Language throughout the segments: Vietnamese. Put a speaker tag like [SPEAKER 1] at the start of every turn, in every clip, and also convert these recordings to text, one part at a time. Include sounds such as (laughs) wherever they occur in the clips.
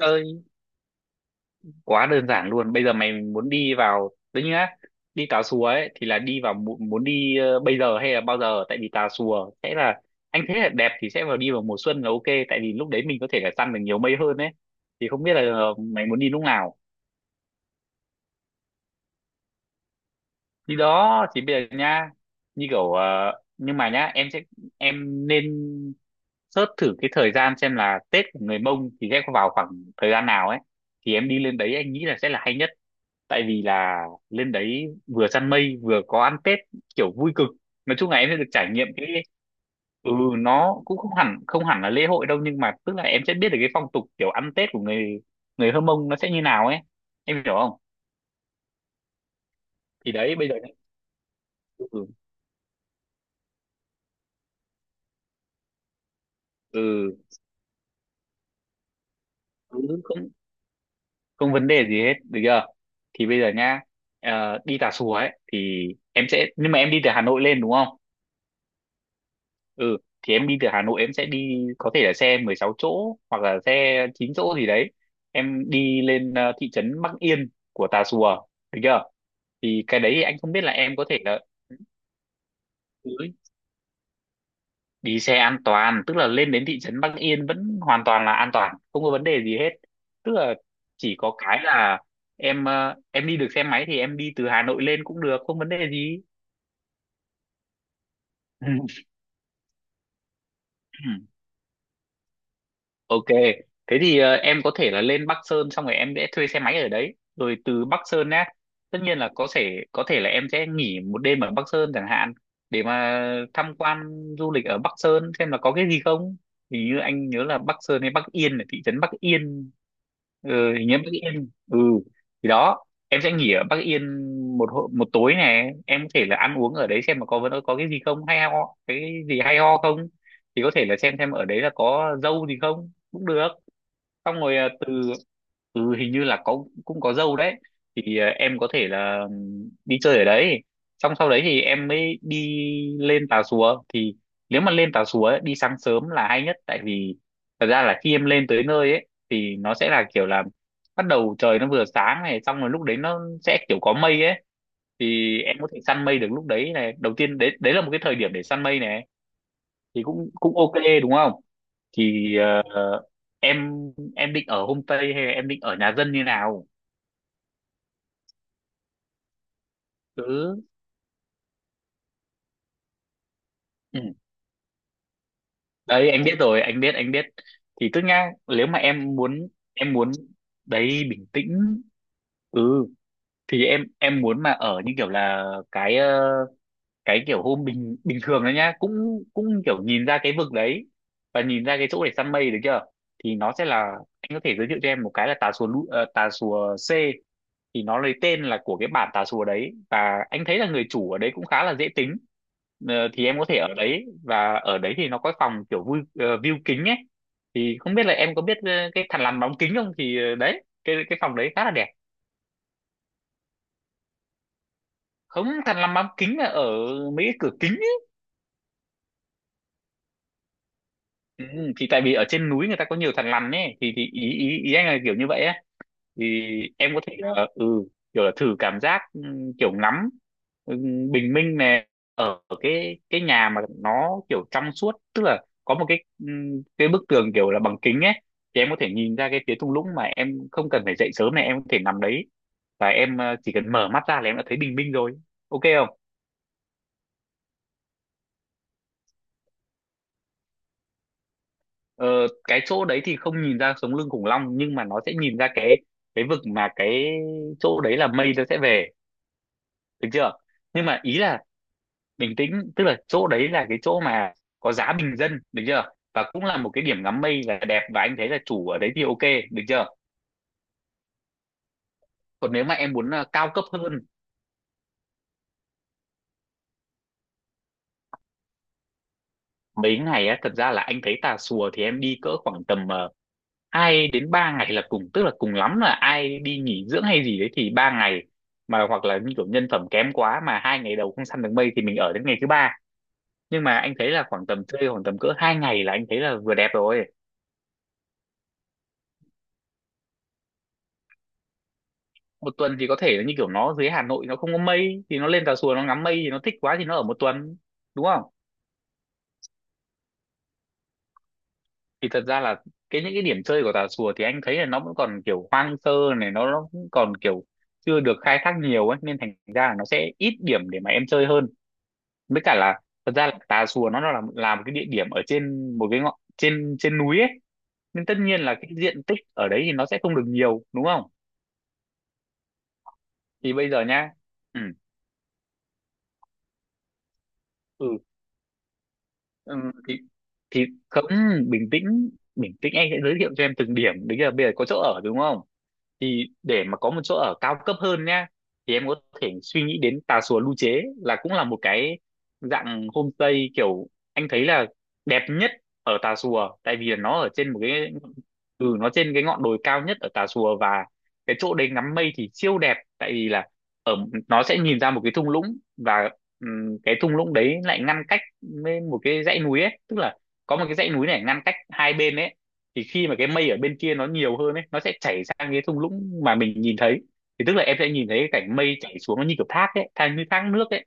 [SPEAKER 1] Chơi quá đơn giản luôn. Bây giờ mày muốn đi vào đấy nhá, đi Tà Xùa ấy thì là đi vào muốn đi bây giờ hay là bao giờ? Tại vì Tà Xùa sẽ là, anh thấy là đẹp thì sẽ vào, đi vào mùa xuân là ok. Tại vì lúc đấy mình có thể là săn được nhiều mây hơn ấy. Thì không biết là mày muốn đi lúc nào? Đi đó thì bây giờ nha, như kiểu nhưng mà nhá, em sẽ, em nên search thử cái thời gian xem là Tết của người Mông thì sẽ vào khoảng thời gian nào ấy. Thì em đi lên đấy anh nghĩ là sẽ là hay nhất, tại vì là lên đấy vừa săn mây vừa có ăn Tết, kiểu vui cực. Nói chung là em sẽ được trải nghiệm cái, ừ, nó cũng không hẳn, là lễ hội đâu, nhưng mà tức là em sẽ biết được cái phong tục kiểu ăn Tết của người, người Hơ Mông nó sẽ như nào ấy, em hiểu không? Thì đấy, bây giờ nhá, ừ. Ừ ừ, không, không vấn đề gì hết, được chưa? Thì bây giờ nha, đi Tà Xùa ấy thì em sẽ, nhưng mà em đi từ Hà Nội lên đúng không? Ừ, thì em đi từ Hà Nội, em sẽ đi có thể là xe 16 chỗ hoặc là xe 9 chỗ gì đấy. Em đi lên thị trấn Bắc Yên của Tà Xùa, được chưa? Thì cái đấy anh không biết là em có thể là cứ đi xe an toàn, tức là lên đến thị trấn Bắc Yên vẫn hoàn toàn là an toàn, không có vấn đề gì hết. Tức là chỉ có cái là em, em đi được xe máy thì em đi từ Hà Nội lên cũng được, không vấn đề gì. (laughs) Ok, thế thì em có thể là lên Bắc Sơn, xong rồi em sẽ thuê xe máy ở đấy, rồi từ Bắc Sơn á, tất nhiên là có thể, là em sẽ nghỉ một đêm ở Bắc Sơn chẳng hạn, để mà tham quan, du lịch ở Bắc Sơn xem là có cái gì không. Hình như anh nhớ là Bắc Sơn hay Bắc Yên, là thị trấn Bắc Yên, ừ, hình như Bắc Yên. Ừ, thì đó, em sẽ nghỉ ở Bắc Yên một một tối này, em có thể là ăn uống ở đấy xem mà có cái gì không hay ho, cái gì hay ho không. Thì có thể là xem ở đấy là có dâu gì không cũng được. Xong rồi à, từ, ừ, hình như là có, cũng có dâu đấy. Thì à, em có thể là đi chơi ở đấy, xong sau đấy thì em mới đi lên Tà Xùa. Thì nếu mà lên Tà Xùa ấy, đi sáng sớm là hay nhất, tại vì thật ra là khi em lên tới nơi ấy thì nó sẽ là kiểu là bắt đầu trời nó vừa sáng này, xong rồi lúc đấy nó sẽ kiểu có mây ấy. Thì em có thể săn mây được lúc đấy này, đầu tiên đấy, đấy là một cái thời điểm để săn mây này, thì cũng, cũng ok, đúng không? Thì ờ, em em định ở homestay hay là em định ở nhà dân như nào? Cứ ừ. Đấy anh biết rồi, anh biết. Thì tức nhá, nếu mà em muốn, em muốn, đấy bình tĩnh, ừ, thì em muốn mà ở như kiểu là cái cái kiểu hôm bình bình thường đấy nhá, cũng, cũng kiểu nhìn ra cái vực đấy và nhìn ra cái chỗ để săn mây, được chưa? Thì nó sẽ là, anh có thể giới thiệu cho em một cái là tà xùa tà xùa C, thì nó lấy tên là của cái bản tà xùa đấy, và anh thấy là người chủ ở đấy cũng khá là dễ tính. Ờ, thì em có thể ở đấy, và ở đấy thì nó có phòng kiểu vui view kính ấy. Thì không biết là em có biết cái thằn lằn bóng kính không, thì đấy, cái phòng đấy khá là đẹp. Không, thằn lằn bóng kính là ở mấy cái cửa kính ấy. Ừ, thì tại vì ở trên núi người ta có nhiều thằn lằn ấy, thì ý ý ý anh là kiểu như vậy á. Thì em có thể là ừ, kiểu là thử cảm giác kiểu ngắm bình minh này, ở cái nhà mà nó kiểu trong suốt, tức là có một cái bức tường kiểu là bằng kính ấy. Thì em có thể nhìn ra cái phía thung lũng mà em không cần phải dậy sớm này, em có thể nằm đấy và em, chỉ cần mở mắt ra là em đã thấy bình minh rồi, ok không? ờ, cái chỗ đấy thì không nhìn ra sống lưng khủng long, nhưng mà nó sẽ nhìn ra cái vực, mà cái chỗ đấy là mây nó sẽ về, được chưa? Nhưng mà ý là bình tĩnh, tức là chỗ đấy là cái chỗ mà có giá bình dân, được chưa, và cũng là một cái điểm ngắm mây là đẹp, và anh thấy là chủ ở đấy thì ok, được chưa? Còn nếu mà em muốn cao cấp hơn. Mấy ngày á, thật ra là anh thấy Tà Xùa thì em đi cỡ khoảng tầm 2 đến 3 ngày là cùng, tức là cùng lắm là ai đi nghỉ dưỡng hay gì đấy thì 3 ngày, mà hoặc là như kiểu nhân phẩm kém quá mà 2 ngày đầu không săn được mây thì mình ở đến ngày thứ ba. Nhưng mà anh thấy là khoảng tầm chơi khoảng tầm cỡ 2 ngày là anh thấy là vừa đẹp rồi. Một tuần thì có thể là như kiểu nó dưới Hà Nội nó không có mây thì nó lên Tà Xùa nó ngắm mây, thì nó thích quá thì nó ở một tuần, đúng không? Thì thật ra là cái những cái điểm chơi của Tà Xùa thì anh thấy là nó vẫn còn kiểu hoang sơ này, nó cũng còn kiểu chưa được khai thác nhiều ấy, nên thành ra là nó sẽ ít điểm để mà em chơi hơn. Với cả là, thật ra là Tà Xùa nó là một cái địa điểm ở trên một cái ngọn, trên trên núi ấy, nên tất nhiên là cái diện tích ở đấy thì nó sẽ không được nhiều, đúng không? Thì bây giờ nhá, ừ, ừ. Ừ, thì thì không, bình tĩnh, bình tĩnh, anh sẽ giới thiệu cho em từng điểm đấy. Là bây giờ có chỗ ở đúng không, thì để mà có một chỗ ở cao cấp hơn nhá, thì em có thể suy nghĩ đến Tà Xùa Lưu Chế, là cũng là một cái dạng homestay kiểu anh thấy là đẹp nhất ở Tà Xùa, tại vì là nó ở trên một cái, ừ, nó trên cái ngọn đồi cao nhất ở Tà Xùa. Và cái chỗ đấy ngắm mây thì siêu đẹp, tại vì là ở, nó sẽ nhìn ra một cái thung lũng, và cái thung lũng đấy lại ngăn cách với một cái dãy núi ấy, tức là có một cái dãy núi này ngăn cách hai bên ấy. Thì khi mà cái mây ở bên kia nó nhiều hơn ấy, nó sẽ chảy sang cái thung lũng mà mình nhìn thấy. Thì tức là em sẽ nhìn thấy cái cảnh mây chảy xuống nó như kiểu thác ấy, thác như thác nước ấy.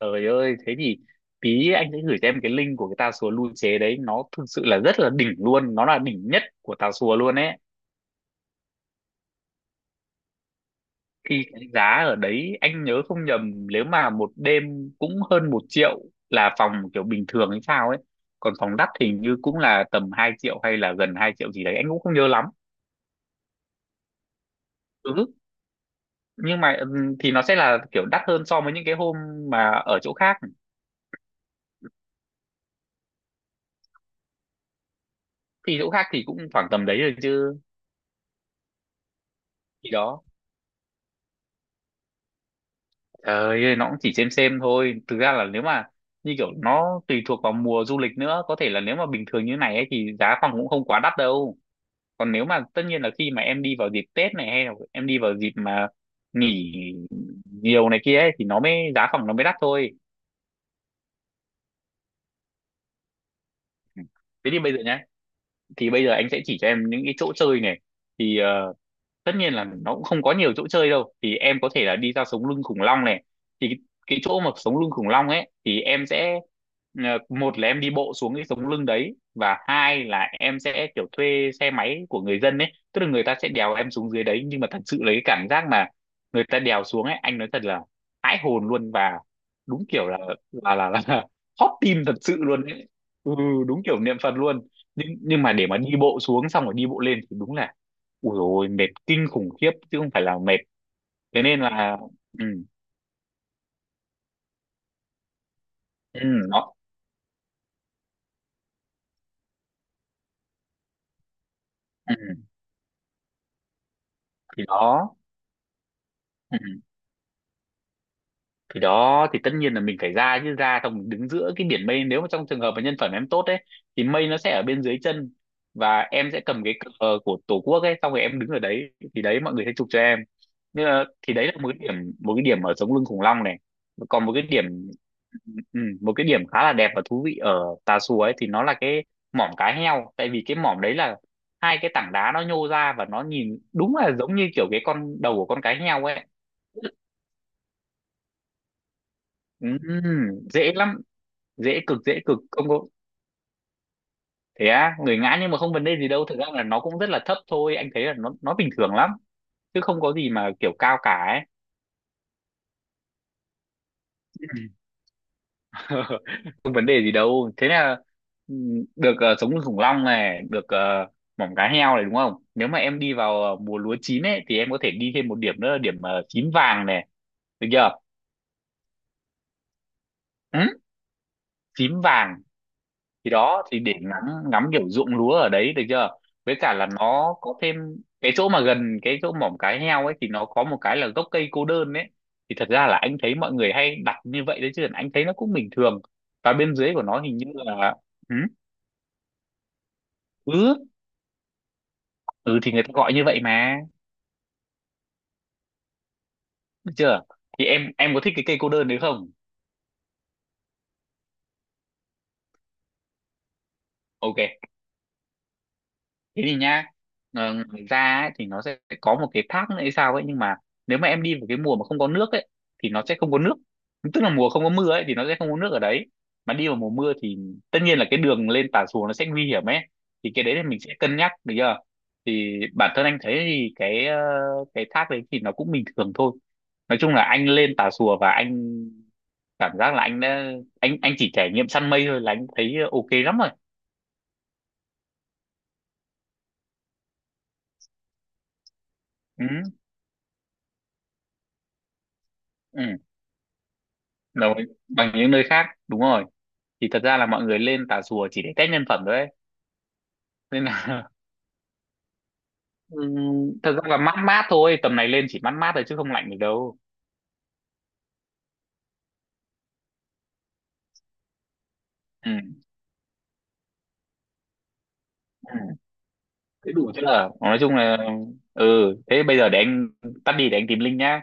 [SPEAKER 1] Trời ơi thế thì tí anh sẽ gửi cho em cái link của cái tà xùa lưu chế đấy, nó thực sự là rất là đỉnh luôn, nó là đỉnh nhất của tà xùa luôn ấy. Khi cái giá ở đấy anh nhớ không nhầm, nếu mà một đêm cũng hơn 1 triệu, là phòng kiểu bình thường hay sao ấy, còn phòng đắt hình như cũng là tầm 2 triệu hay là gần 2 triệu gì đấy, anh cũng không nhớ lắm. Ừ, nhưng mà thì nó sẽ là kiểu đắt hơn so với những cái hôm mà ở chỗ khác. Thì chỗ khác thì cũng khoảng tầm đấy rồi chứ. Thì đó, trời ơi, nó cũng chỉ xem thôi, thực ra là nếu mà như kiểu nó tùy thuộc vào mùa du lịch nữa, có thể là nếu mà bình thường như này ấy, thì giá phòng cũng không quá đắt đâu. Còn nếu mà tất nhiên là khi mà em đi vào dịp Tết này hay là em đi vào dịp mà nghỉ nhiều này kia ấy, thì nó mới giá phòng nó mới đắt thôi. Ừ. Thế thì bây giờ nhá, thì bây giờ anh sẽ chỉ cho em những cái chỗ chơi này. Thì tất nhiên là nó cũng không có nhiều chỗ chơi đâu, thì em có thể là đi ra sống lưng khủng long này. Thì cái chỗ mà sống lưng khủng long ấy thì em sẽ ờ, một là em đi bộ xuống cái sống lưng đấy, và hai là em sẽ kiểu thuê xe máy của người dân ấy, tức là người ta sẽ đèo em xuống dưới đấy. Nhưng mà thật sự lấy cái cảm giác mà người ta đèo xuống ấy, anh nói thật là hãi hồn luôn. Và đúng kiểu là là hot tim thật sự luôn ấy. Ừ, đúng kiểu niệm Phật luôn. Nhưng mà để mà đi bộ xuống xong rồi đi bộ lên thì đúng là ui rồi, mệt kinh khủng khiếp chứ không phải là mệt. Thế nên là ừ, ừ, nó ừ, thì đó. Ừ. Thì đó, thì tất nhiên là mình phải ra chứ, ra xong mình đứng giữa cái biển mây. Nếu mà trong trường hợp mà nhân phẩm em tốt ấy thì mây nó sẽ ở bên dưới chân, và em sẽ cầm cái cờ của tổ quốc ấy, xong rồi em đứng ở đấy thì đấy, mọi người sẽ chụp cho em. Nhưng mà, thì đấy là một cái điểm, một cái điểm ở sống lưng khủng long này. Còn một cái điểm, ừ, một cái điểm khá là đẹp và thú vị ở Tà Xùa ấy, thì nó là cái mỏm cá heo. Tại vì cái mỏm đấy là hai cái tảng đá nó nhô ra, và nó nhìn đúng là giống như kiểu cái con đầu của con cá heo ấy. Ừ, dễ lắm, dễ cực, dễ cực, không có. Thế á, người ngã nhưng mà không vấn đề gì đâu, thực ra là nó cũng rất là thấp thôi, anh thấy là nó bình thường lắm, chứ không có gì mà kiểu cao cả ấy. Ừ. (laughs) Không vấn đề gì đâu. Thế là ừ, được, ờ, sống lưng khủng long này được, ờ, mỏng cá heo này, đúng không? Nếu mà em đi vào mùa lúa chín ấy thì em có thể đi thêm một điểm nữa là điểm, ờ, tím vàng này, được chưa? Ừ? Tím vàng. Thì đó, thì để ngắm, ngắm kiểu ruộng lúa ở đấy, được chưa? Với cả là nó có thêm cái chỗ mà gần cái chỗ mỏm cái heo ấy, thì nó có một cái là gốc cây cô đơn ấy. Thì thật ra là anh thấy mọi người hay đặt như vậy đấy, chứ anh thấy nó cũng bình thường. Và bên dưới của nó hình như là ừ, ừ, ừ thì người ta gọi như vậy mà, được chưa? Thì em có thích cái cây cô đơn đấy không? Ok. Thế thì nhá, ngoài ra ấy, thì nó sẽ có một cái thác nữa hay sao ấy. Nhưng mà nếu mà em đi vào cái mùa mà không có nước ấy thì nó sẽ không có nước, tức là mùa không có mưa ấy thì nó sẽ không có nước ở đấy. Mà đi vào mùa mưa thì tất nhiên là cái đường lên Tà Xùa nó sẽ nguy hiểm ấy. Thì cái đấy thì mình sẽ cân nhắc, được chưa? Thì bản thân anh thấy thì cái, cái thác đấy thì nó cũng bình thường thôi. Nói chung là anh lên Tà Xùa và anh cảm giác là anh đã, anh chỉ trải nghiệm săn mây thôi là anh thấy ok lắm rồi. Ừ, ừ. Đồng ý, bằng những nơi khác, đúng rồi. Thì thật ra là mọi người lên Tà Xùa chỉ để test nhân phẩm thôi ấy. Nên là (laughs) ừm, thật ra là mát mát thôi, tầm này lên chỉ mát mát thôi chứ không lạnh được đâu. Ừ. Ừ. Thế đủ chứ, là nói chung là ừ, thế bây giờ để anh tắt đi để anh tìm link nhá.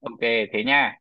[SPEAKER 1] Ok, thế nha.